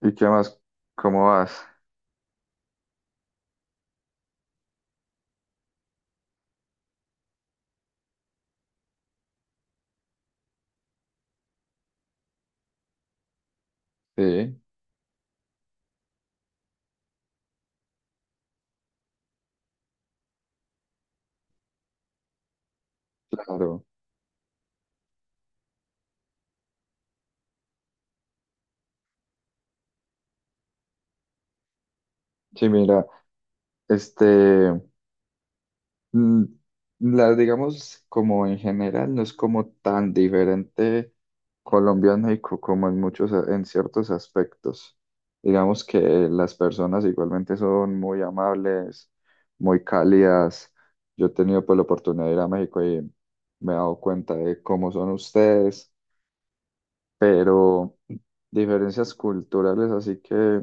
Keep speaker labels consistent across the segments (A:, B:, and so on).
A: ¿Y qué más? ¿Cómo vas? Sí, claro. Sí, mira, este, mm, la digamos como en general no es como tan diferente Colombia a México como en muchos, en ciertos aspectos. Digamos que las personas igualmente son muy amables, muy cálidas. Yo he tenido pues la oportunidad de ir a México y me he dado cuenta de cómo son ustedes, pero diferencias culturales, así que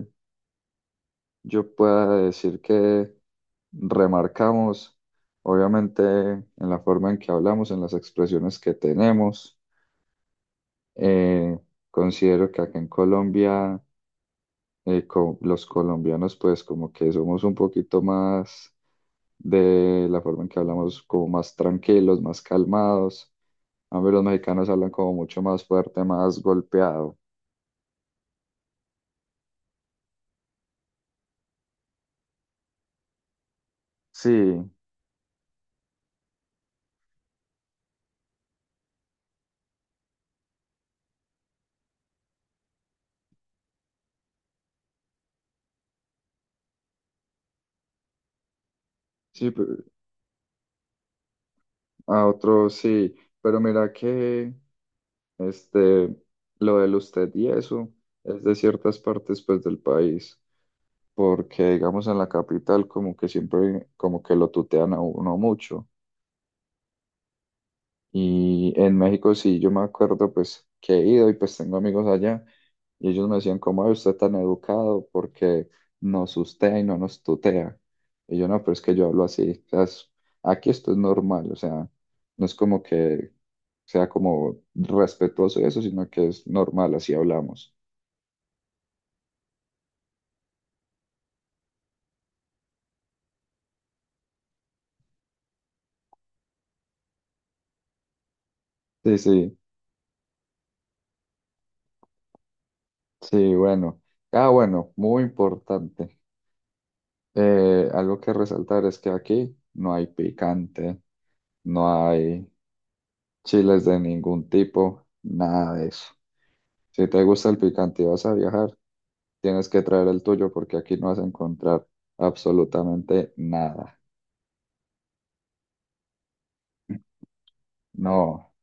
A: yo pueda decir que remarcamos, obviamente, en la forma en que hablamos, en las expresiones que tenemos. Eh, Considero que acá en Colombia, los colombianos, pues como que somos un poquito más de la forma en que hablamos, como más tranquilos, más calmados. A ver, los mexicanos hablan como mucho más fuerte, más golpeado. Sí, sí, a otros sí, pero mira que... Este, lo del usted y eso es de ciertas partes pues del país, porque digamos en la capital como que siempre como que lo tutean a uno mucho. Y en México sí, yo me acuerdo pues que he ido y pues tengo amigos allá y ellos me decían, ¿cómo es usted tan educado? Porque nos ustea y no nos tutea. Y yo no, pero es que yo hablo así, o sea, aquí esto es normal, o sea, no es como que sea como respetuoso y eso, sino que es normal, así hablamos. Sí, sí, sí, bueno. Ah, bueno, muy importante. Algo que resaltar es que aquí no hay picante, no hay chiles de ningún tipo, nada de eso. Si te gusta el picante y vas a viajar, tienes que traer el tuyo porque aquí no vas a encontrar absolutamente nada. No,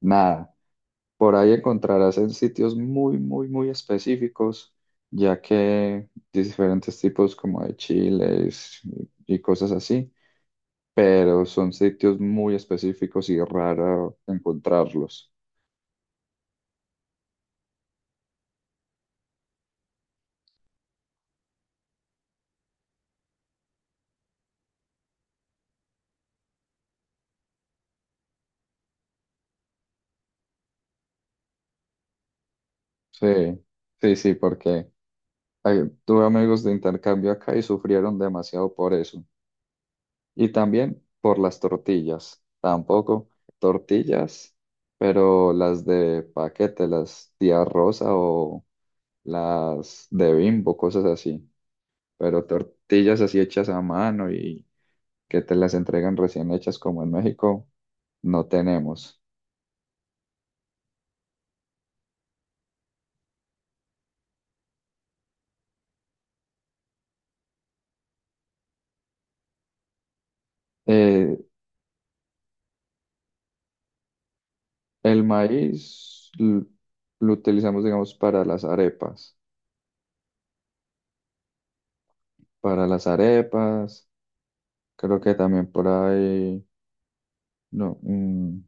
A: nada. Por ahí encontrarás en sitios muy, muy, muy específicos, ya que diferentes tipos como de chiles y cosas así, pero son sitios muy específicos y raro encontrarlos. Sí, sí, sí, porque tuve amigos de intercambio acá y sufrieron demasiado por eso. Y también por las tortillas, tampoco tortillas, pero las de paquete, las Tía Rosa o las de Bimbo, cosas así. Pero tortillas así hechas a mano y que te las entregan recién hechas como en México, no tenemos. Eh, El maíz l- lo utilizamos, digamos, para las arepas. Para las arepas, creo que también por ahí, no,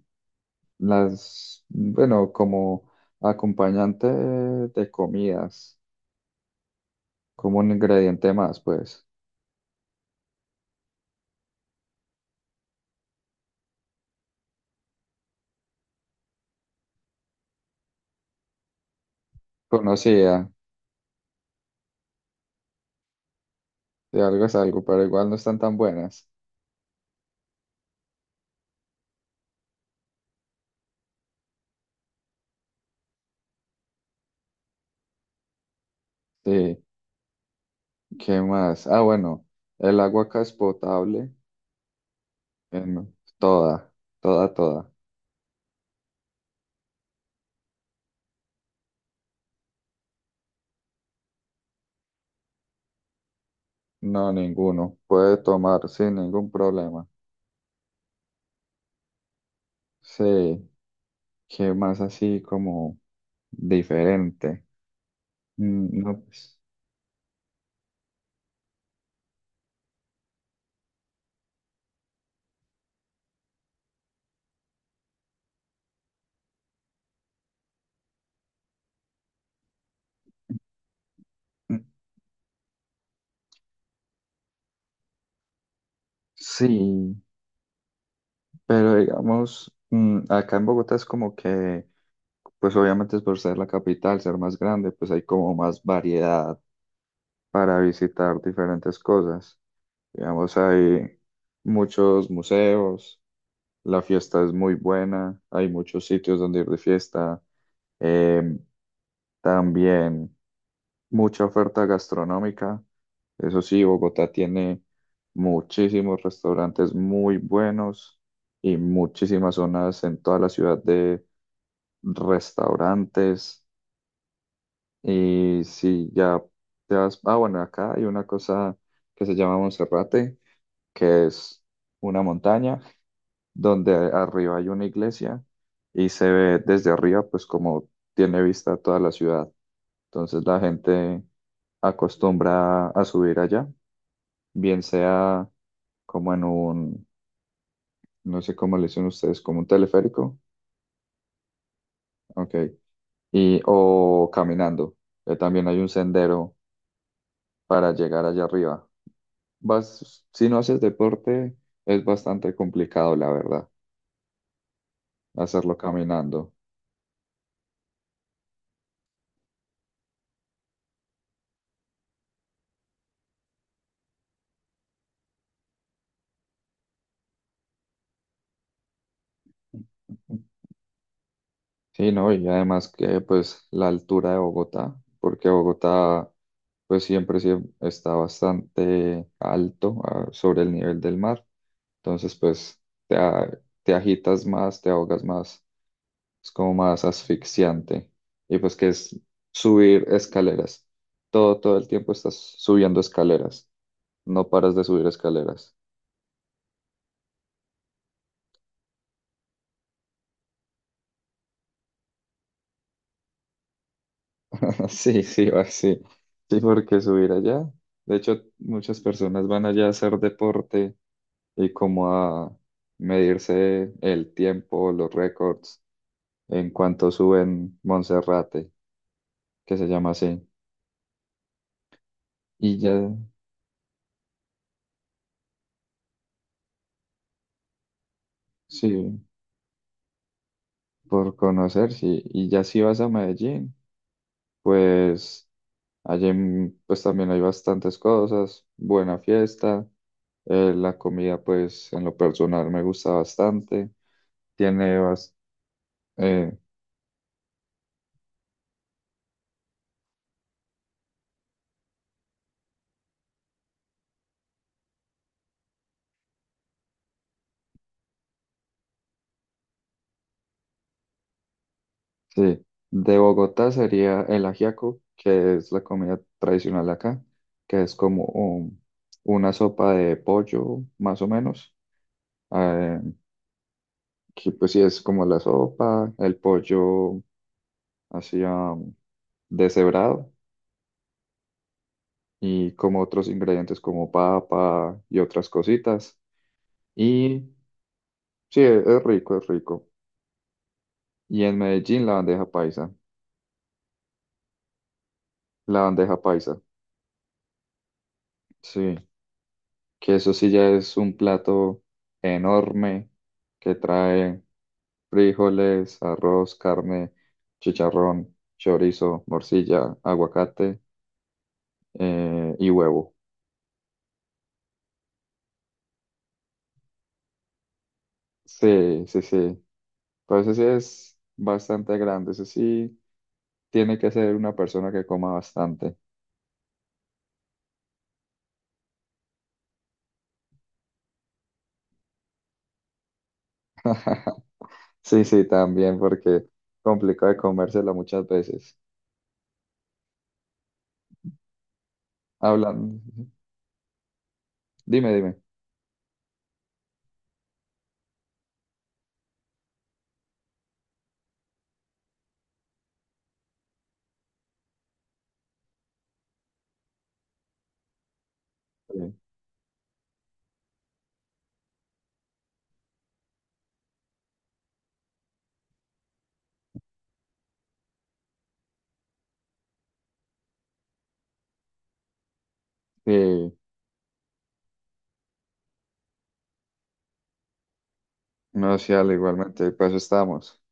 A: las, bueno, como acompañante de comidas, como un ingrediente más, pues, conocida, de algo es algo, pero igual no están tan buenas. Sí, ¿qué más? Ah, bueno, el agua acá es potable, en toda, toda, toda. No, ninguno. Puede tomar sin ningún problema. Sí, que más así como diferente. No, pues, mm, sí, pero digamos, acá en Bogotá es como que, pues obviamente es por ser la capital, ser más grande, pues hay como más variedad para visitar diferentes cosas. Digamos, hay muchos museos, la fiesta es muy buena, hay muchos sitios donde ir de fiesta. em, También, mucha oferta gastronómica. Eso sí, Bogotá tiene muchísimos restaurantes muy buenos y muchísimas zonas en toda la ciudad de restaurantes. Y si ya te vas, ah, bueno, acá hay una cosa que se llama Monserrate, que es una montaña donde arriba hay una iglesia y se ve desde arriba, pues como tiene vista toda la ciudad. Entonces la gente acostumbra a subir allá, bien sea como en un, no sé cómo le dicen ustedes, como un teleférico, ok, y, o caminando, que también hay un sendero para llegar allá arriba. Vas, si no haces deporte, es bastante complicado, la verdad, hacerlo caminando. Sí, no, y además que pues la altura de Bogotá, porque Bogotá pues siempre, está bastante alto, sobre el nivel del mar. Entonces, pues te, te agitas más, te ahogas más, es como más asfixiante. Y pues que es subir escaleras. Todo, todo el tiempo estás subiendo escaleras, no paras de subir escaleras. Sí, sí, va, sí. Sí, porque subir allá. De hecho, muchas personas van allá a hacer deporte y como a medirse el tiempo, los récords en cuanto suben Monserrate, que se llama así. Y ya, sí, por conocer, sí. Y ya si vas a Medellín, pues allí pues también hay bastantes cosas, buena fiesta, la comida pues en lo personal me gusta bastante, tiene, eh, sí, de Bogotá sería el ajiaco, que es la comida tradicional de acá, que es como una sopa de pollo, más o menos, eh, que pues sí es como la sopa, el pollo así deshebrado y como otros ingredientes como papa y otras cositas. Y sí, es rico, es rico. Y en Medellín la bandeja paisa, sí, que eso sí ya es un plato enorme que trae frijoles, arroz, carne, chicharrón, chorizo, morcilla, aguacate, y huevo. Sí, sí, sí. Pero ese sí es bastante grande, ese sí tiene que ser una persona que coma bastante. Sí, sí, también, porque complicado de comérsela muchas veces. Hablan, dime, dime. Sí, sí, no, sí, dale, igualmente, para eso estamos.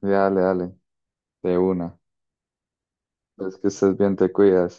A: Sí, dale, dale, de una. Es que estés bien, te cuidas.